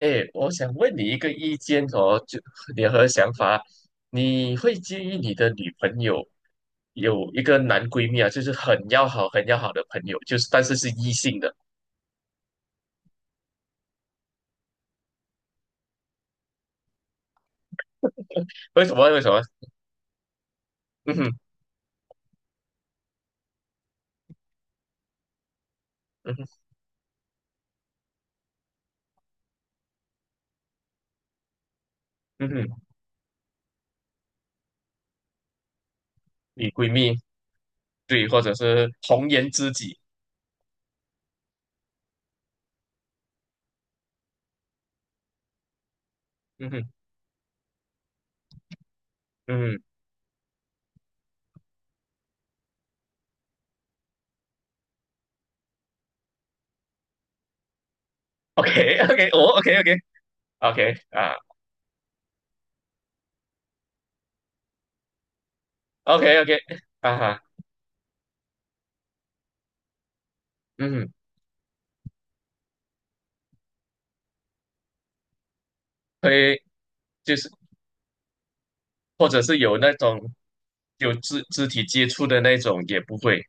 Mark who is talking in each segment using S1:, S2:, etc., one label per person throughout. S1: 哎，我想问你一个意见哦，就你和想法，你会介意你的女朋友有一个男闺蜜啊，就是很要好、很要好的朋友，就是但是是异性的，为什么？为什么？嗯哼，嗯哼，嗯哼，女闺蜜，对，或者是红颜知己，嗯哼，嗯哼，OK，OK，哦，OK，OK，OK 啊，OK，啊，OK，OK 啊哈，嗯哼，会就是或者是有那种有肢体接触的那种也不会，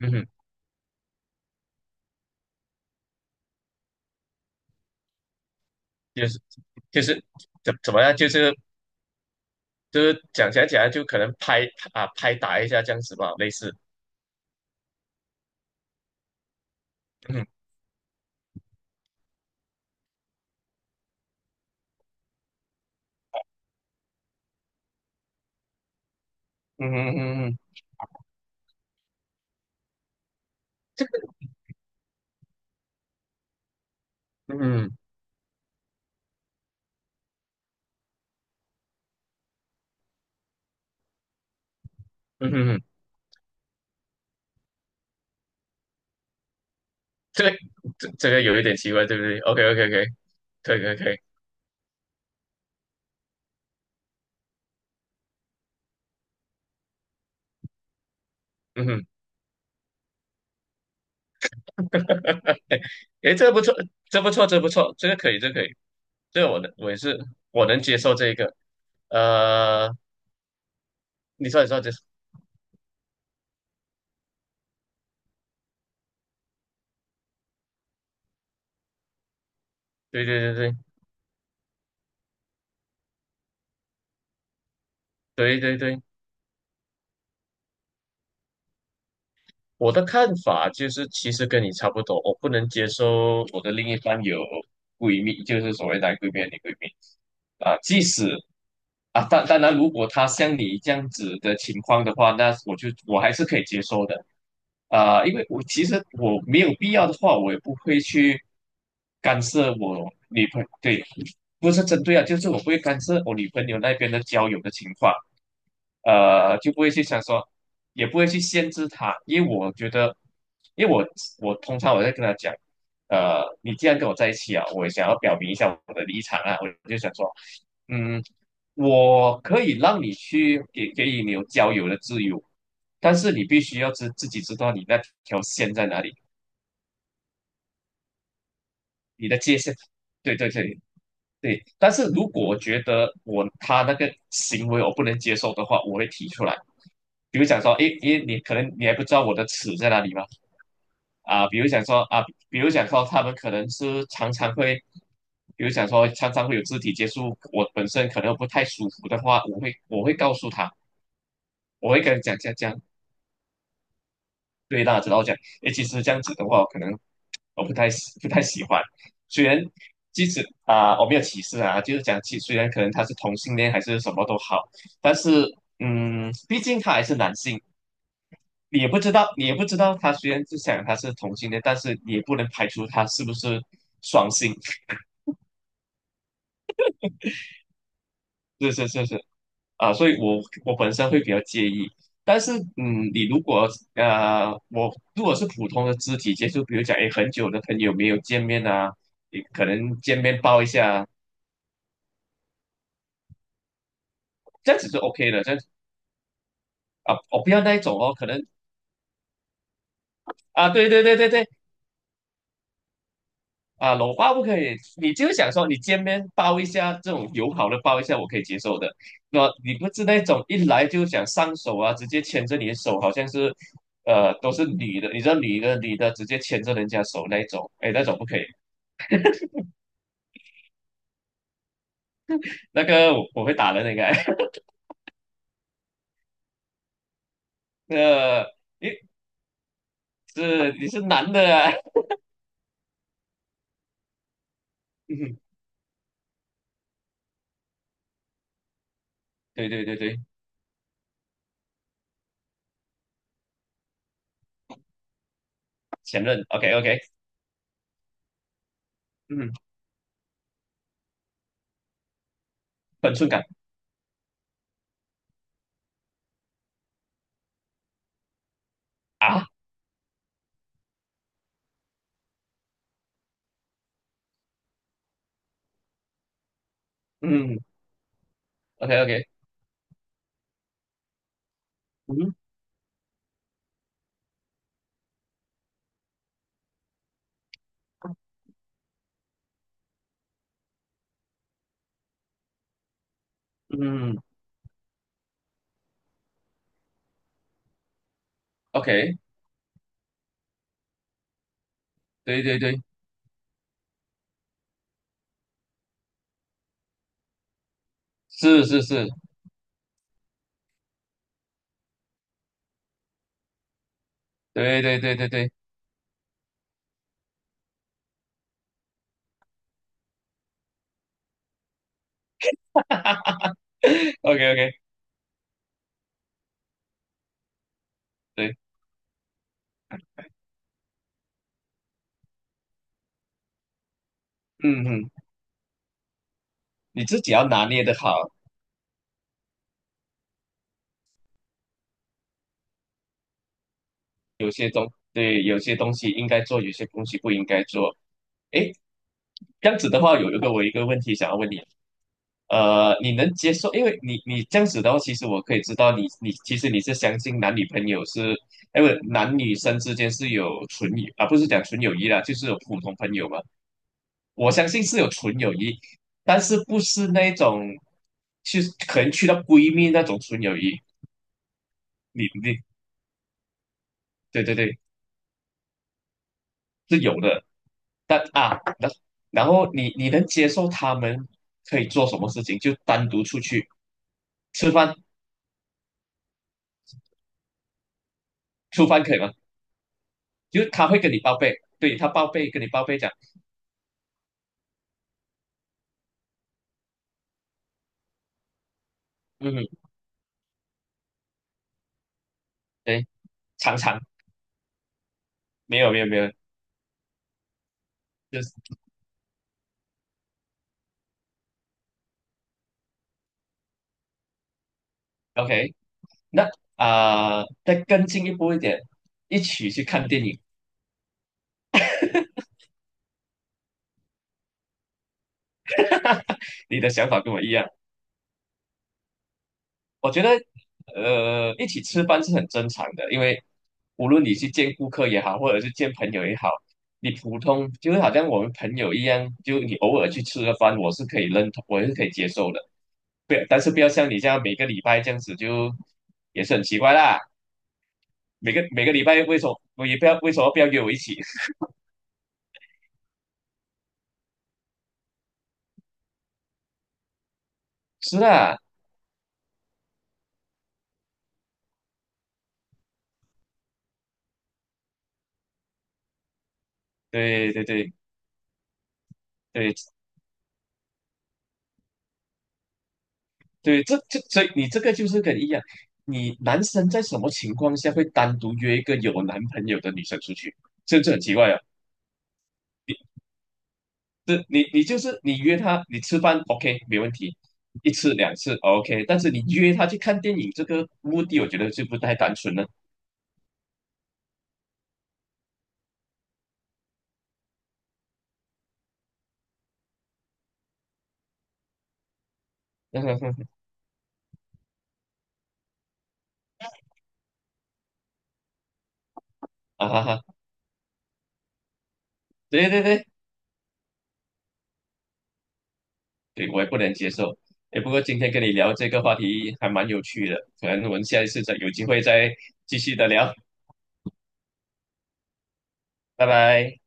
S1: 嗯哼。就是就是怎么样，就是讲，就可能拍打一下这样子吧，类似，嗯嗯嗯嗯嗯嗯嗯，嗯这个这个有一点奇怪，对不对？OK OK OK，可以可以可以，嗯哼，哎哎，这个不错，这不错，这不错，这个可以，这个可以，这个我也是我能接受这一个，呃，你说这，对对对对对对对对。我的看法就是，其实跟你差不多，我不能接受我的另一半有闺蜜，就是所谓男闺蜜、女闺蜜啊。即使啊，当然，如果他像你这样子的情况的话，那我还是可以接受的啊，因为其实我没有必要的话，我也不会去干涉我女朋对，不是针对啊，就是我不会干涉我女朋友那边的交友的情况。就不会去想说，也不会去限制他，因为我觉得，因为我通常在跟他讲，你既然跟我在一起啊，我也想要表明一下我的立场啊，我就想说，嗯，我可以让你去给予你有交友的自由，但是你必须自己知道你那条线在哪里，你的界限，对对对，对，但是如果我觉得他那个行为我不能接受的话，我会提出来。比如讲说，诶，因为你可能你还不知道我的尺在哪里嘛，啊，比如讲说啊，比如讲说他们可能是常常会，比如讲说常常会有肢体接触，我本身可能不太舒服的话，我会告诉他，我会跟他讲，对大家知道我讲，诶，其实这样子的话，可能我不太喜不太喜欢。虽然即使啊、我没有歧视啊，就是讲，虽然可能他是同性恋还是什么都好，但是毕竟他还是男性，你也不知道，你也不知道他虽然他是同性恋，但是你也不能排除他是不是双性。是是是是，啊，所以我本身会比较介意。但是，嗯，你如果我如果是普通的肢体接触，比如讲，诶，很久的朋友没有见面啊，你可能见面抱一下，这样子就 OK 的，这样子啊，我不要那一种哦，可能啊，对对对对对，啊，搂抱不可以，你就想说你见面抱一下，这种友好的抱一下，我可以接受的。那你不是那种一来就想上手啊，直接牵着你的手，好像是，都是女的，你知道女的女的直接牵着人家手那一种，哎，那种不可以，那个我会打人的，应该，呃，你是你是男的啊，嗯，对对对对，前任，OK OK，嗯，分寸感啊，嗯，OK OK，嗯嗯，OK,对对对，是是是，对对对对对。OK OK，对，嗯嗯，你自己要拿捏的好，对，有些东西应该做，有些东西不应该做。诶，这样子的话，有一个我有一个问题想要问你，你能接受？因为你这样子的话，其实我可以知道你其实你是相信男女朋友是，哎不，男女生之间是有纯友啊，不是讲纯友谊啦，就是有普通朋友嘛。我相信是有纯友谊，但是不是那种，可能去到闺蜜那种纯友谊，你对对对，是有的。但啊，然后你能接受他们可以做什么事情？就单独出去吃饭，出饭可以吗？就是他会跟你报备，跟你报备讲，嗯，嗯对，常常没有没有没有，就是 OK 那。啊、再更进一步一点，一起去看电影，你的想法跟我一样。我觉得，一起吃饭是很正常的，因为无论你去见顾客也好，或者是见朋友也好，你普通就是好像我们朋友一样，就你偶尔去吃个饭，我是可以认同，我是可以接受的。不要，但是不要像你这样每个礼拜这样子就，也是很奇怪啦。每个礼拜为什么我也不要为什么不要约我一起？是啦，对对对对，对，这所以你这个就是跟一样，你男生在什么情况下会单独约一个有男朋友的女生出去？这很奇怪啊！这你就是你约她，你吃饭 OK 没问题，一次两次 OK，但是你约她去看电影，这个目的我觉得就不太单纯了。啊哈哈，对对对，对我也不能接受。哎，不过今天跟你聊这个话题还蛮有趣的，可能我们下一次再有机会再继续的聊，拜拜。